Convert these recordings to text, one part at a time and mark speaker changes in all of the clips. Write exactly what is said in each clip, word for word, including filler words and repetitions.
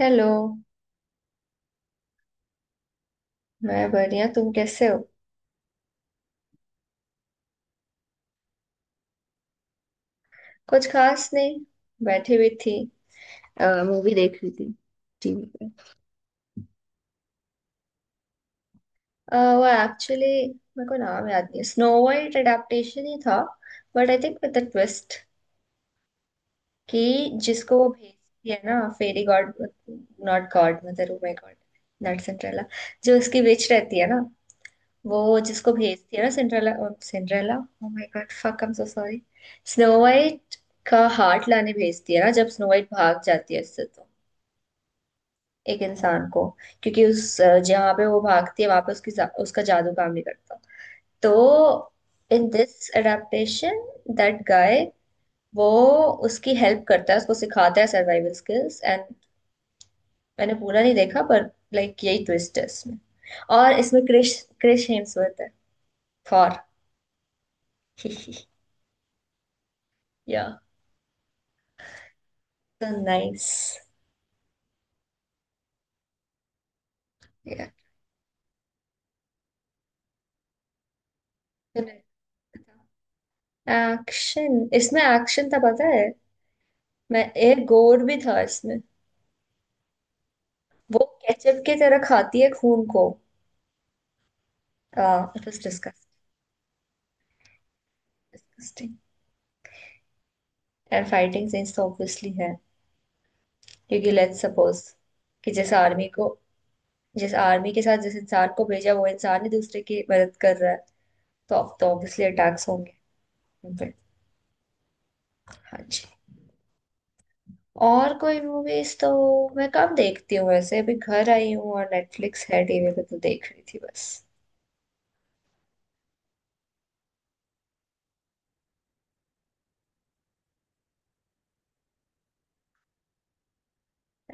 Speaker 1: Hello. मैं बढ़िया तुम कैसे हो। कुछ खास नहीं। बैठी हुई थी। मूवी देख रही थी टीवी पे। अ, वो एक्चुअली मेरे को नाम याद नहीं, स्नो वाइट अडेप्टेशन ही था। But I think with the twist कि जिसको वो भेजती है ना, fairy god, not godmother. Oh my God, not Cinderella. जो उसकी विच रहती है ना, वो जिसको भेजती है ना, Cinderella. Cinderella, oh my God fuck, I am so sorry. Snow White का हार्ट लाने भेजती है ना, जब स्नो वाइट भाग जाती है उससे, तो एक इंसान को। क्योंकि उस अ, जहाँ पे वो भागती है वहां पे उसकी जा, उसका जादू काम नहीं करता, तो। In this adaptation that guy, वो उसकी हेल्प करता है, उसको सिखाता है सर्वाइवल स्किल्स एंड मैंने पूरा नहीं देखा, पर लाइक यही ट्विस्ट है इसमें। और इसमें क्रिश क्रिश हेम्सवर्थ है, थॉर। या, तो नाइस। Yeah. एक्शन, इसमें एक्शन था पता है। मैं एक गोर भी था इसमें। वो केचप की तरह खाती है खून को। It was disgusting, and fighting scenes तो ऑब्वियसली है क्योंकि लेट्स सपोज कि जिस आर्मी को जिस आर्मी के साथ जिस इंसान को भेजा, वो इंसान ही दूसरे की मदद कर रहा है, तो अब तो ऑब्वियसली अटैक्स होंगे उन पे। हाँ जी। और कोई मूवीज तो मैं कम देखती हूँ वैसे, अभी घर आई हूँ और नेटफ्लिक्स है टीवी पे तो देख रही थी बस।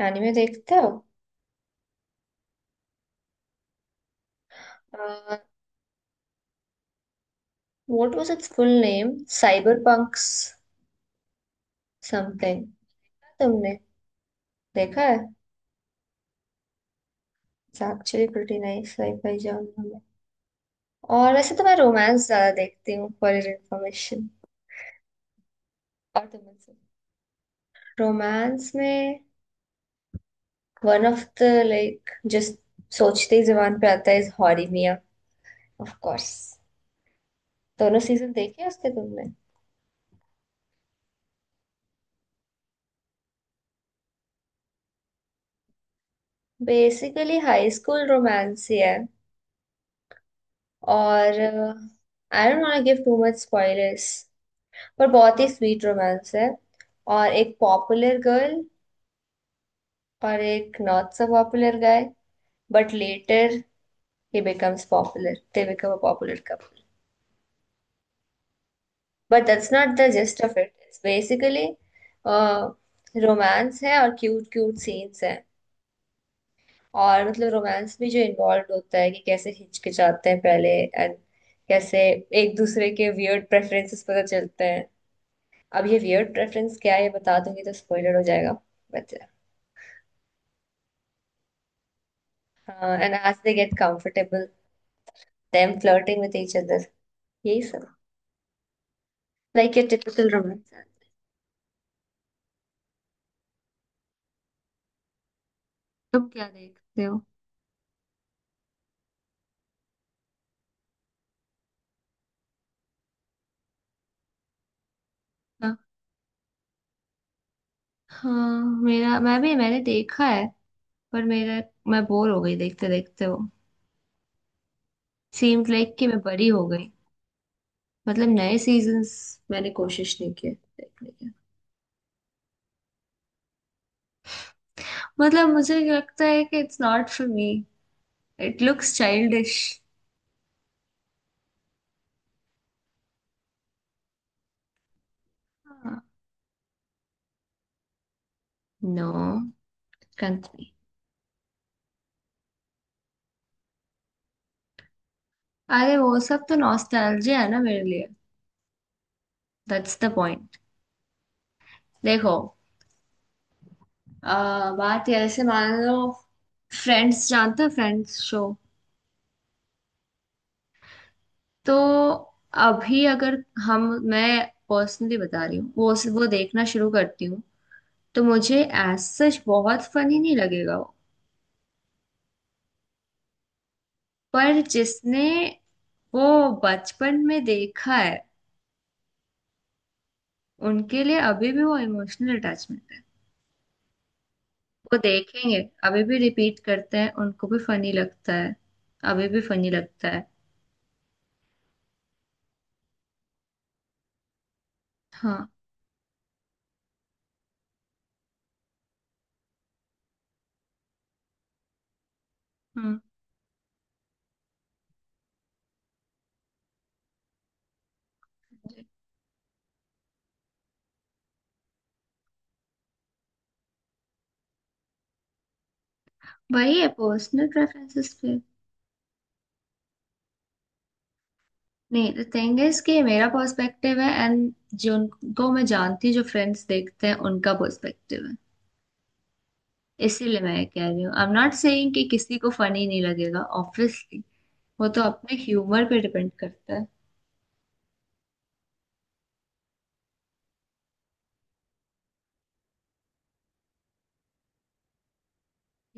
Speaker 1: एनिमे देखते हो। What was its full name, cyber punks something. तुमने देखा है। It's actually pretty nice, sci-fi genre में। और वैसे तो मैं रोमांस ज्यादा देखती हूँ, फॉर योर इन्फॉर्मेशन। और तुम। रोमांस में one of the, like just सोचते ही जुबान पे आता है, is Horimiya. Of course दोनों सीजन देखे हैं उसके, तुमने। बेसिकली हाई स्कूल रोमांस ही है और I don't want give too much spoilers, पर बहुत ही स्वीट रोमांस है। और एक पॉपुलर गर्ल और एक not so popular guy, but later he becomes popular, they become a popular couple. But that's not the gist of it, it's basically romance है और क्यूट क्यूट सीन्स हैं। और मतलब रोमांस भी जो इन्वॉल्व होता है कि कैसे हिचकिचाते हैं पहले, एंड कैसे एक दूसरे के वियर्ड प्रेफरेंसेस पता चलते हैं। अब ये वियर्ड प्रेफरेंस क्या है ये बता दूंगी तो स्पॉइलर हो जाएगा, but. And as they get comfortable, them flirting with each other, यही सब, लाइक ये टिपिकल रोमांस है। तुम क्या देखते हो। हाँ, हाँ, मेरा मैं भी, मैंने देखा है। पर मेरा मैं बोर हो गई देखते देखते, वो सीम्ड लाइक कि मैं बड़ी हो गई। मतलब नए सीजन्स मैंने कोशिश नहीं किया देखने की। मतलब मुझे लगता है कि it's not for me, it looks childish. No, count me. अरे वो सब तो नॉस्टैल्जिया है ना मेरे लिए, दैट्स द पॉइंट। देखो, आ, बात ये ऐसे मान लो, फ्रेंड्स जानते हो, फ्रेंड्स शो। तो अभी अगर हम मैं पर्सनली बता रही हूँ, वो वो देखना शुरू करती हूँ, तो मुझे एज सच बहुत फनी नहीं लगेगा वो। पर जिसने वो बचपन में देखा है, उनके लिए अभी भी वो इमोशनल अटैचमेंट है। वो देखेंगे, अभी भी रिपीट करते हैं, उनको भी फनी लगता है, अभी भी फनी लगता है। हाँ। हम्म, वही है, पर्सनल प्रेफरेंसेस पे। नहीं, द थिंग इज कि मेरा पर्सपेक्टिव है, एंड जिनको मैं जानती हूँ जो फ्रेंड्स देखते हैं उनका पर्सपेक्टिव है। इसीलिए मैं ये कह रही हूँ, आई एम नॉट सेइंग कि किसी को फनी नहीं लगेगा, ऑब्वियसली। वो तो अपने ह्यूमर पे डिपेंड करता है।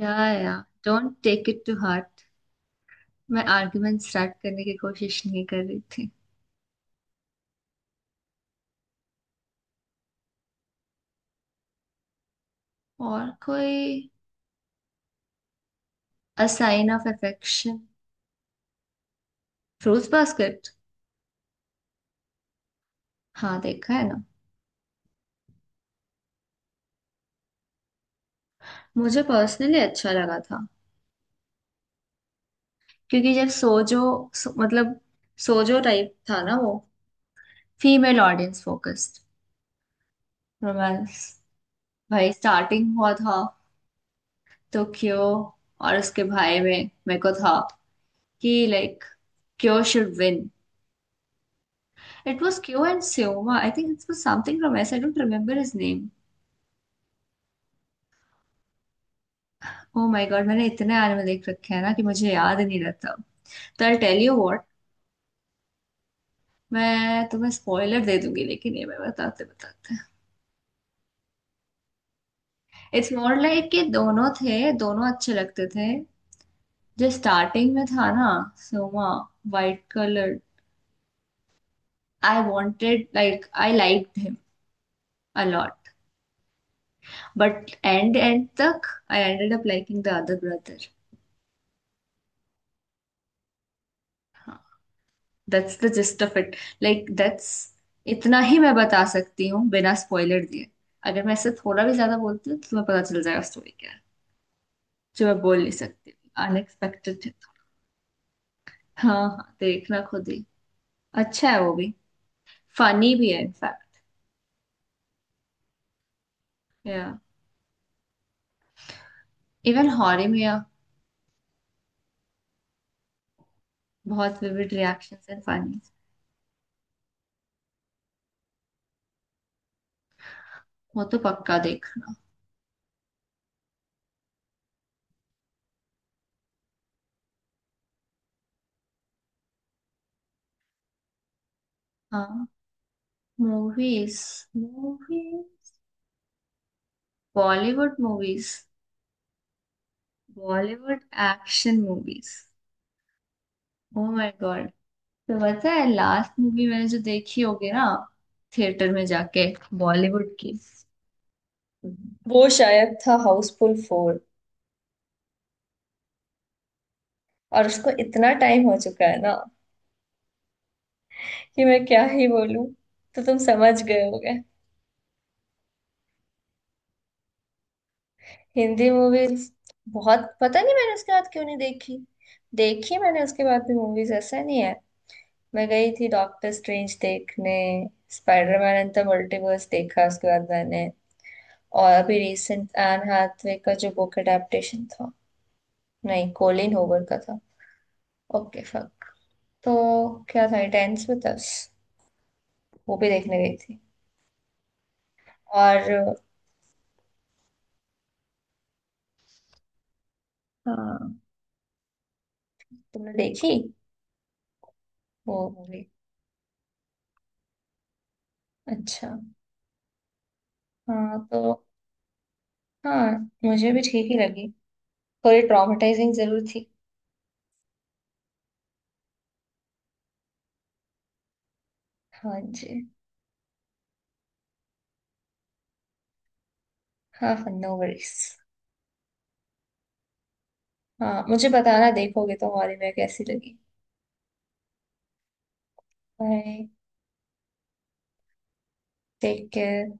Speaker 1: Yeah yeah don't take it to heart. मैं आर्गुमेंट स्टार्ट करने की कोशिश नहीं कर रही थी। और कोई, a sign of affection, Fruits Basket. हाँ देखा है ना। मुझे पर्सनली अच्छा लगा था, क्योंकि जब सोजो, सो, मतलब सोजो टाइप था ना वो, फीमेल ऑडियंस फोकस्ड रोमांस। भाई स्टार्टिंग हुआ था, तो क्यो, और उसके भाई में मेरे को था कि like, Kyo should win. It was Kyo and Sohma, I think it was something from S, I don't remember his name. Oh my God, मैंने इतने एनिमे देख रखे हैं ना कि मुझे याद ही नहीं रहता। तो आई टेल यू व्हाट, मैं तुम्हें स्पॉइलर दे दूंगी लेकिन, ये मैं बताते बताते। इट्स मोर लाइक कि दोनों थे, दोनों अच्छे लगते थे। जो स्टार्टिंग में था ना, Sohma, white colour, I wanted, like I like him a lot. But and end तक I ended up liking the other brother. That's the gist of it, like that's, इतना ही मैं बता सकती हूँ बिना स्पॉइलर दिए। अगर मैं इससे थोड़ा भी ज्यादा बोलती हूँ तो तुम्हें पता चल जाएगा स्टोरी क्या है, जो मैं बोल नहीं सकती। अनएक्सपेक्टेड है तो। हाँ हाँ, देखना खुद ही। अच्छा है वो भी, फनी भी है इनफैक्ट। या, इवन हॉरर में या बहुत विविड रिएक्शंस एंड फनी। वो तो पक्का देखना। हाँ। Movies, movie, Bollywood movies, Bollywood action movies. Oh my God. तो पता है लास्ट मूवी मैंने जो देखी होगी ना थिएटर में जाके, बॉलीवुड की, वो शायद था हाउसफुल फोर। और उसको इतना टाइम हो चुका है ना कि मैं क्या ही बोलूं, तो तुम समझ गए होगे। हिंदी मूवीज बहुत, पता नहीं मैंने उसके बाद क्यों नहीं देखी। देखी मैंने उसके बाद भी मूवीज, ऐसा नहीं है। मैं गई थी डॉक्टर स्ट्रेंज देखने, स्पाइडरमैन एंड द मल्टीवर्स देखा उसके बाद मैंने। और अभी रिसेंट एन हाथवे का जो बुक अडेप्टेशन था, नहीं कोलिन होवर का था। Okay fuck. तो क्या था, टेंस में दस, वो भी देखने गई थी। और हाँ, तुमने देखी वो मूवी। अच्छा। हाँ तो, हाँ, मुझे भी ठीक ही लगी, थोड़ी ट्रॉमेटाइजिंग जरूर थी। हाँ जी। हाँ हाँ, नो वरीज। हाँ मुझे बताना, देखोगे तो हॉल में कैसी लगी। बाय। Take care.